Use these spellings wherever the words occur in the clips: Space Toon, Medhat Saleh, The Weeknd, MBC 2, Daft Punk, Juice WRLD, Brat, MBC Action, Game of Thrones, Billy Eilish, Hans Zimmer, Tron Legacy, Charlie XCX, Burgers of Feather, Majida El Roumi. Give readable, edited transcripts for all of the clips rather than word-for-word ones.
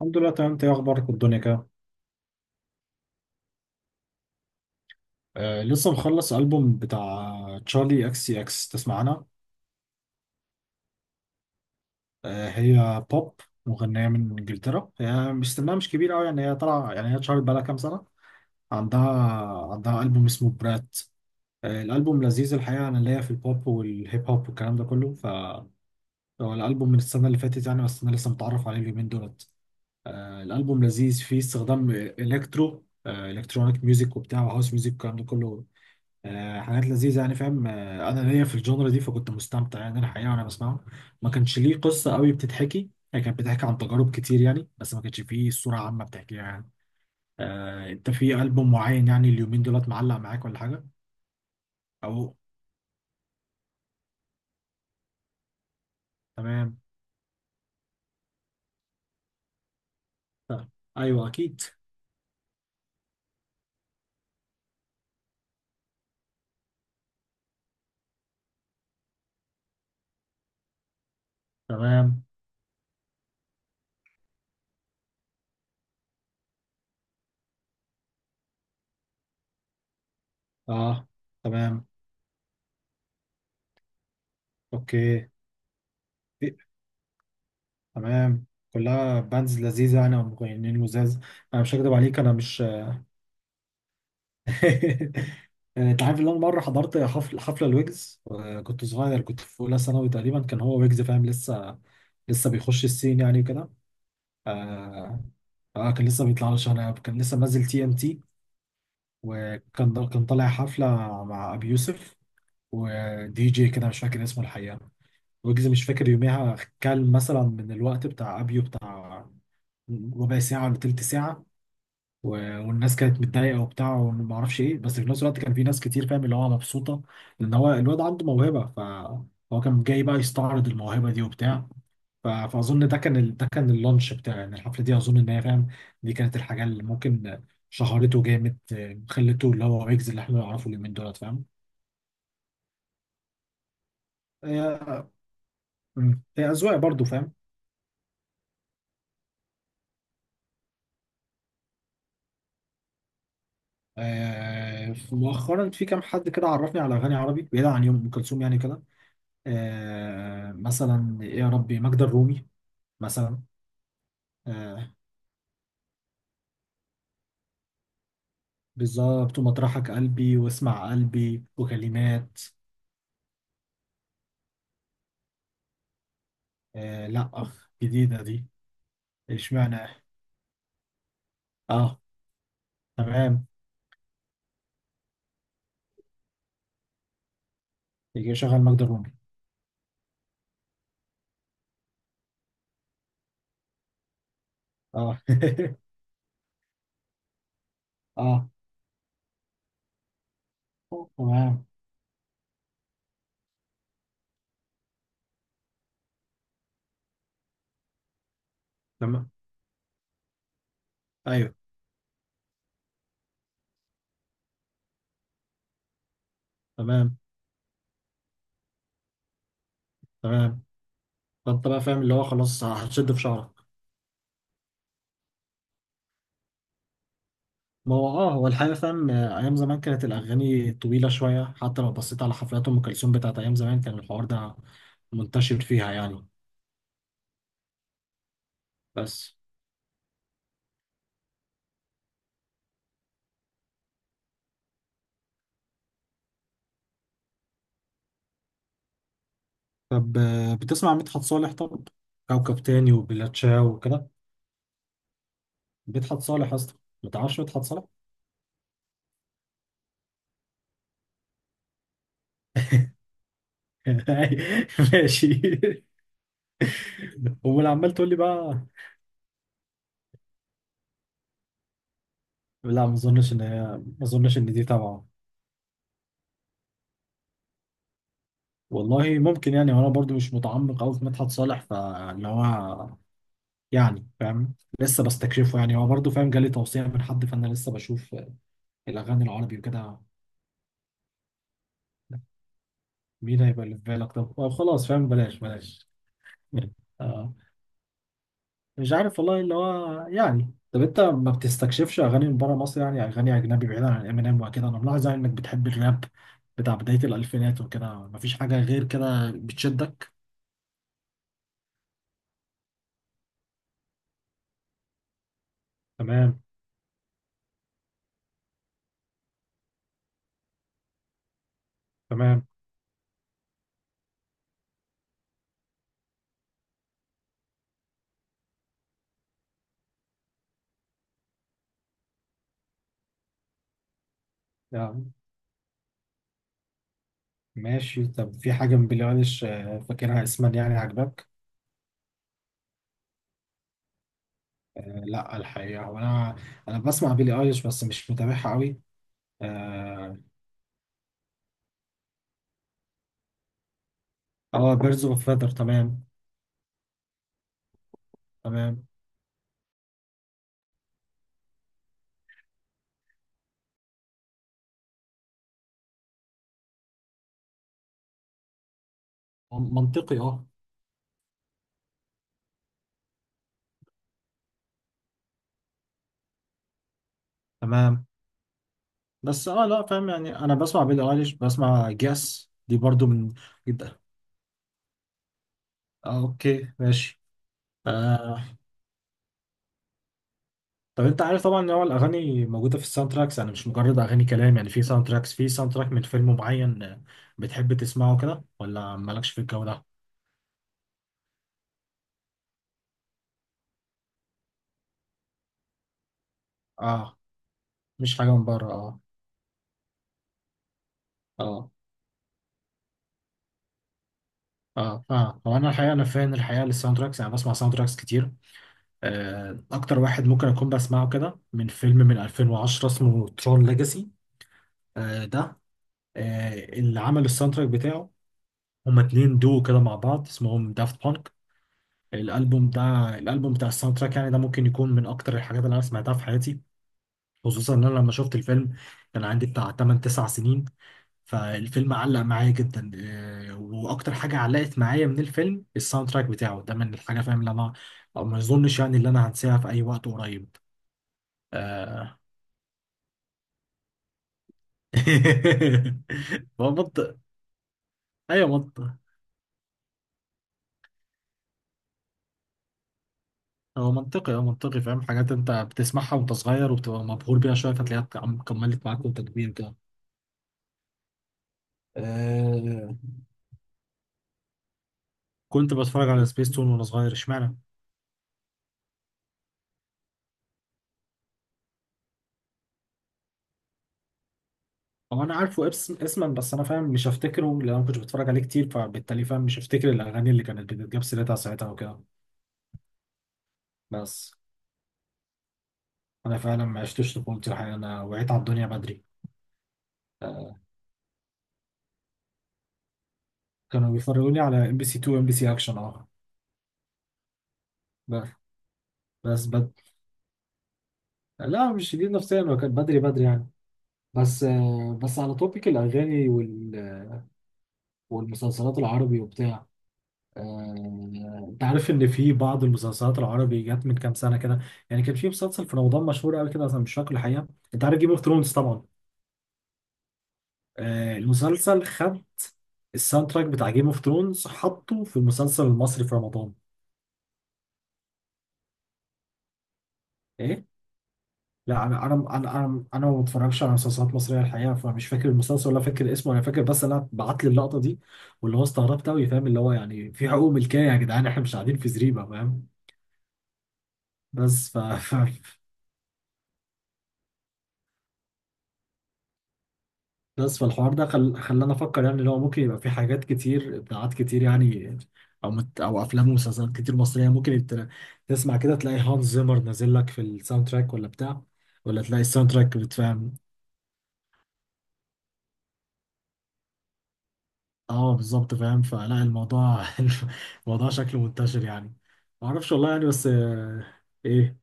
الحمد لله، تمام. انت ايه اخبارك والدنيا كده؟ لسه مخلص البوم بتاع تشارلي اكس سي اكس. تسمع عنها؟ آه، هي بوب. مغنيه من انجلترا، هي مش سنها مش كبير قوي يعني، هي طالعه، يعني هي اتشهرت بقالها كام سنه. عندها عندها البوم اسمه برات. الالبوم لذيذ الحقيقه. انا ليا في البوب والهيب هوب والكلام ده كله. هو الالبوم من السنه اللي فاتت يعني، بس انا لسه متعرف عليه اليومين دولت. الالبوم لذيذ، فيه استخدام الكترونيك ميوزك وبتاع وهاوس ميوزك والكلام ده كله. حاجات لذيذة يعني، فاهم. أنا ليا في الجونرا دي، فكنت مستمتع يعني الحقيقة وأنا بسمعه. ما كانش ليه قصة قوي بتتحكي، هي كانت بتحكي عن تجارب كتير يعني، بس ما كانش فيه صورة عامة بتحكيها يعني. أنت في ألبوم معين يعني اليومين دولت معلق معاك ولا حاجة؟ أو، تمام. طيب. أيوه، أكيد. تمام. أه. تمام. أوكي. تمام. كلها باندز لذيذة يعني، أو مغنيين لذاذ. أنا مش هكدب عليك، أنا مش انت عارف ان انا مره حضرت حفله الويجز، كنت صغير، كنت في اولى ثانوي تقريبا. كان هو ويجز فاهم لسه، لسه بيخش السين يعني وكده. آه. كان لسه بيطلع له شنب، كان لسه منزل تي ام تي. وكان طالع حفله مع ابي يوسف ودي جي كده مش فاكر اسمه الحقيقه. ويجز مش فاكر يوميها كان مثلا من الوقت بتاع ابيو بتاع ربع ساعه ولا تلت ساعه. و... والناس كانت متضايقه وبتاع وما اعرفش ايه، بس في نفس الوقت كان في ناس كتير فاهم اللي هو مبسوطه، لان هو الواد عنده موهبه، فهو كان جاي بقى يستعرض الموهبه دي وبتاع. فاظن ده كان ده كان اللانش بتاعه يعني، الحفله دي اظن ان هي فاهم، دي كانت الحاجه اللي ممكن شهرته جامد خلته اللي هو ويجز اللي احنا نعرفه اليومين دولت فاهم. هي مم. هي أذواق برضو فاهم. مؤخرا في كام حد كده عرفني على أغاني عربي بعيدا عن يوم أم كلثوم يعني كده. مثلا إيه يا ربي، ماجدة الرومي مثلا. آه، بالظبط. ومطرحك قلبي واسمع قلبي وكلمات. آه، لا أخ، جديدة دي. اشمعنى؟ اه. تمام. يجي يشغل ماجدة الرومي. اه اه. تمام. تمام. ايوه. تمام. تمام. فانت بقى فاهم اللي هو خلاص هتشد في شعرك. ما هو اه هو الحقيقة فاهم. أيام زمان كانت الأغاني طويلة شوية، حتى لو بصيت على حفلات أم كلثوم بتاعت أيام زمان كان الحوار ده منتشر فيها يعني. بس طب، بتسمع عن مدحت صالح؟ طب، كوكب تاني وبلاتشاو وكده. مدحت صالح اصلا، ما تعرفش مدحت صالح؟ ماشي. ولا عمال تقول لي بقى. لا، ما اظنش ان دي تبعه. والله ممكن يعني، وانا برضو مش متعمق قوي في مدحت صالح، فاللي هو يعني فاهم لسه بستكشفه يعني، هو برضو فاهم جالي توصية من حد فانا لسه بشوف الاغاني العربي وكده. مين هيبقى اللي في بالك؟ طب خلاص، فاهم، بلاش بلاش. مش عارف والله اللي هو يعني. طب انت ما بتستكشفش اغاني من بره مصر يعني؟ اغاني اجنبي بعيدا عن امينيم وكده، انا ملاحظ يعني انك بتحب الراب بتاع بدايه الالفينات وكده، مفيش حاجه غير كده بتشدك؟ تمام. تمام. يعني ماشي. طب في حاجه من بيلي ايليش فاكرها اسما يعني عجبك؟ آه، لا الحقيقه، هو انا، انا بسمع بيلي ايليش بس مش متابعها قوي. اه. بيرز اوف فيذر، تمام. تمام. منطقي، اه. تمام. بس اه، لا فاهم يعني، انا بسمع بيلي ايليش، بسمع جاس دي برضو من جدا. آه، اوكي ماشي. آه طب انت عارف طبعا ان هو الاغاني موجوده في الساوند تراكس، يعني مش مجرد اغاني كلام يعني. في ساوند تراكس، في ساوند تراك من فيلم معين بتحب تسمعه كده ولا مالكش في الجو ده؟ اه. مش حاجه من بره، اه اه هو انا الحقيقه، انا فان الحقيقه للساوند تراكس، يعني بسمع ساوند تراكس كتير. اكتر واحد ممكن اكون بسمعه كده من فيلم من 2010 اسمه ترون ليجاسي. ده اللي عمل الساوند تراك بتاعه، هما اتنين دو كده مع بعض اسمهم دافت بانك. الالبوم ده، الالبوم بتاع الساوند تراك يعني، ده ممكن يكون من اكتر الحاجات اللي انا سمعتها في حياتي. خصوصا ان انا لما شفت الفيلم كان عندي بتاع 8 9 سنين، فالفيلم علق معايا جدا. واكتر حاجه علقت معايا من الفيلم الساوند تراك بتاعه ده، من الحاجه فاهم اللي انا، أو ما اظنش يعني اللي انا هنساها في اي وقت قريب. آه. ما بط... ايوه. هو منطقي، هو منطقي فاهم، حاجات انت بتسمعها وانت صغير وبتبقى مبهور بيها شويه فتلاقيها كملت معاك وانت كبير كده. آه. كنت بتفرج على سبيس تون وانا صغير اشمعنى. هو انا عارفه اسما، بس انا فاهم مش هفتكره، لان انا ما كنتش بتفرج عليه كتير فبالتالي فاهم مش هفتكر الاغاني اللي كانت بتتجاب سيرتها ساعتها وكده. بس انا فعلا ما عشتش طفولتي الحقيقه، انا وعيت على الدنيا بدري. آه. كانوا بيفرجوني على ام بي سي 2، ام بي سي اكشن، اه. بس. بس بد... لا مش شديد نفسيا، هو كان بدري بدري يعني. بس بس على توبيك الأغاني والمسلسلات العربي وبتاع. أنت عارف إن في بعض المسلسلات العربي جت من كام سنة كده، يعني كان في مسلسل في رمضان مشهور قوي كده أنا مش فاكر الحقيقة. أنت عارف جيم أوف ثرونز طبعا؟ المسلسل خد الساوند تراك بتاع جيم أوف ثرونز حطه في المسلسل المصري في رمضان. إيه؟ لا انا ما بتفرجش على مسلسلات مصريه الحقيقه، فمش فاكر المسلسل ولا فاكر اسمه، انا فاكر بس انا بعت لي اللقطه دي واللي هو استغربت قوي فاهم اللي هو يعني، في حقوق ملكيه يا جدعان، احنا مش قاعدين في زريبه فاهم. بس ف... ف... بس فالحوار ده خلاني افكر يعني، اللي هو ممكن يبقى في حاجات كتير، ابداعات كتير يعني، او افلام ومسلسلات كتير مصريه، ممكن انت تسمع كده تلاقي هانز زيمر نازل لك في الساوند تراك ولا بتاع، ولا تلاقي الساوند تراك بتفهم. اه بالظبط فاهم، فلا الموضوع الموضوع شكله منتشر يعني. ما اعرفش والله يعني، بس ايه،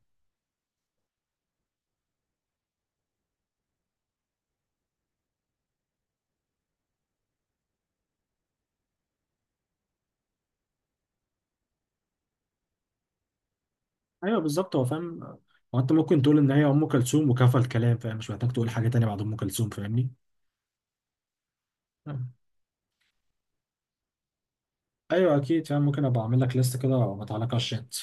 ايوه بالظبط هو فاهم. هو انت ممكن تقول ان هي ام كلثوم وكفى الكلام، فاهم مش محتاج تقول حاجه تانية بعد ام كلثوم فاهمني. ايوه اكيد فاهم، ممكن ابقى اعمل لك ليست كده وابعتها لك على الشات.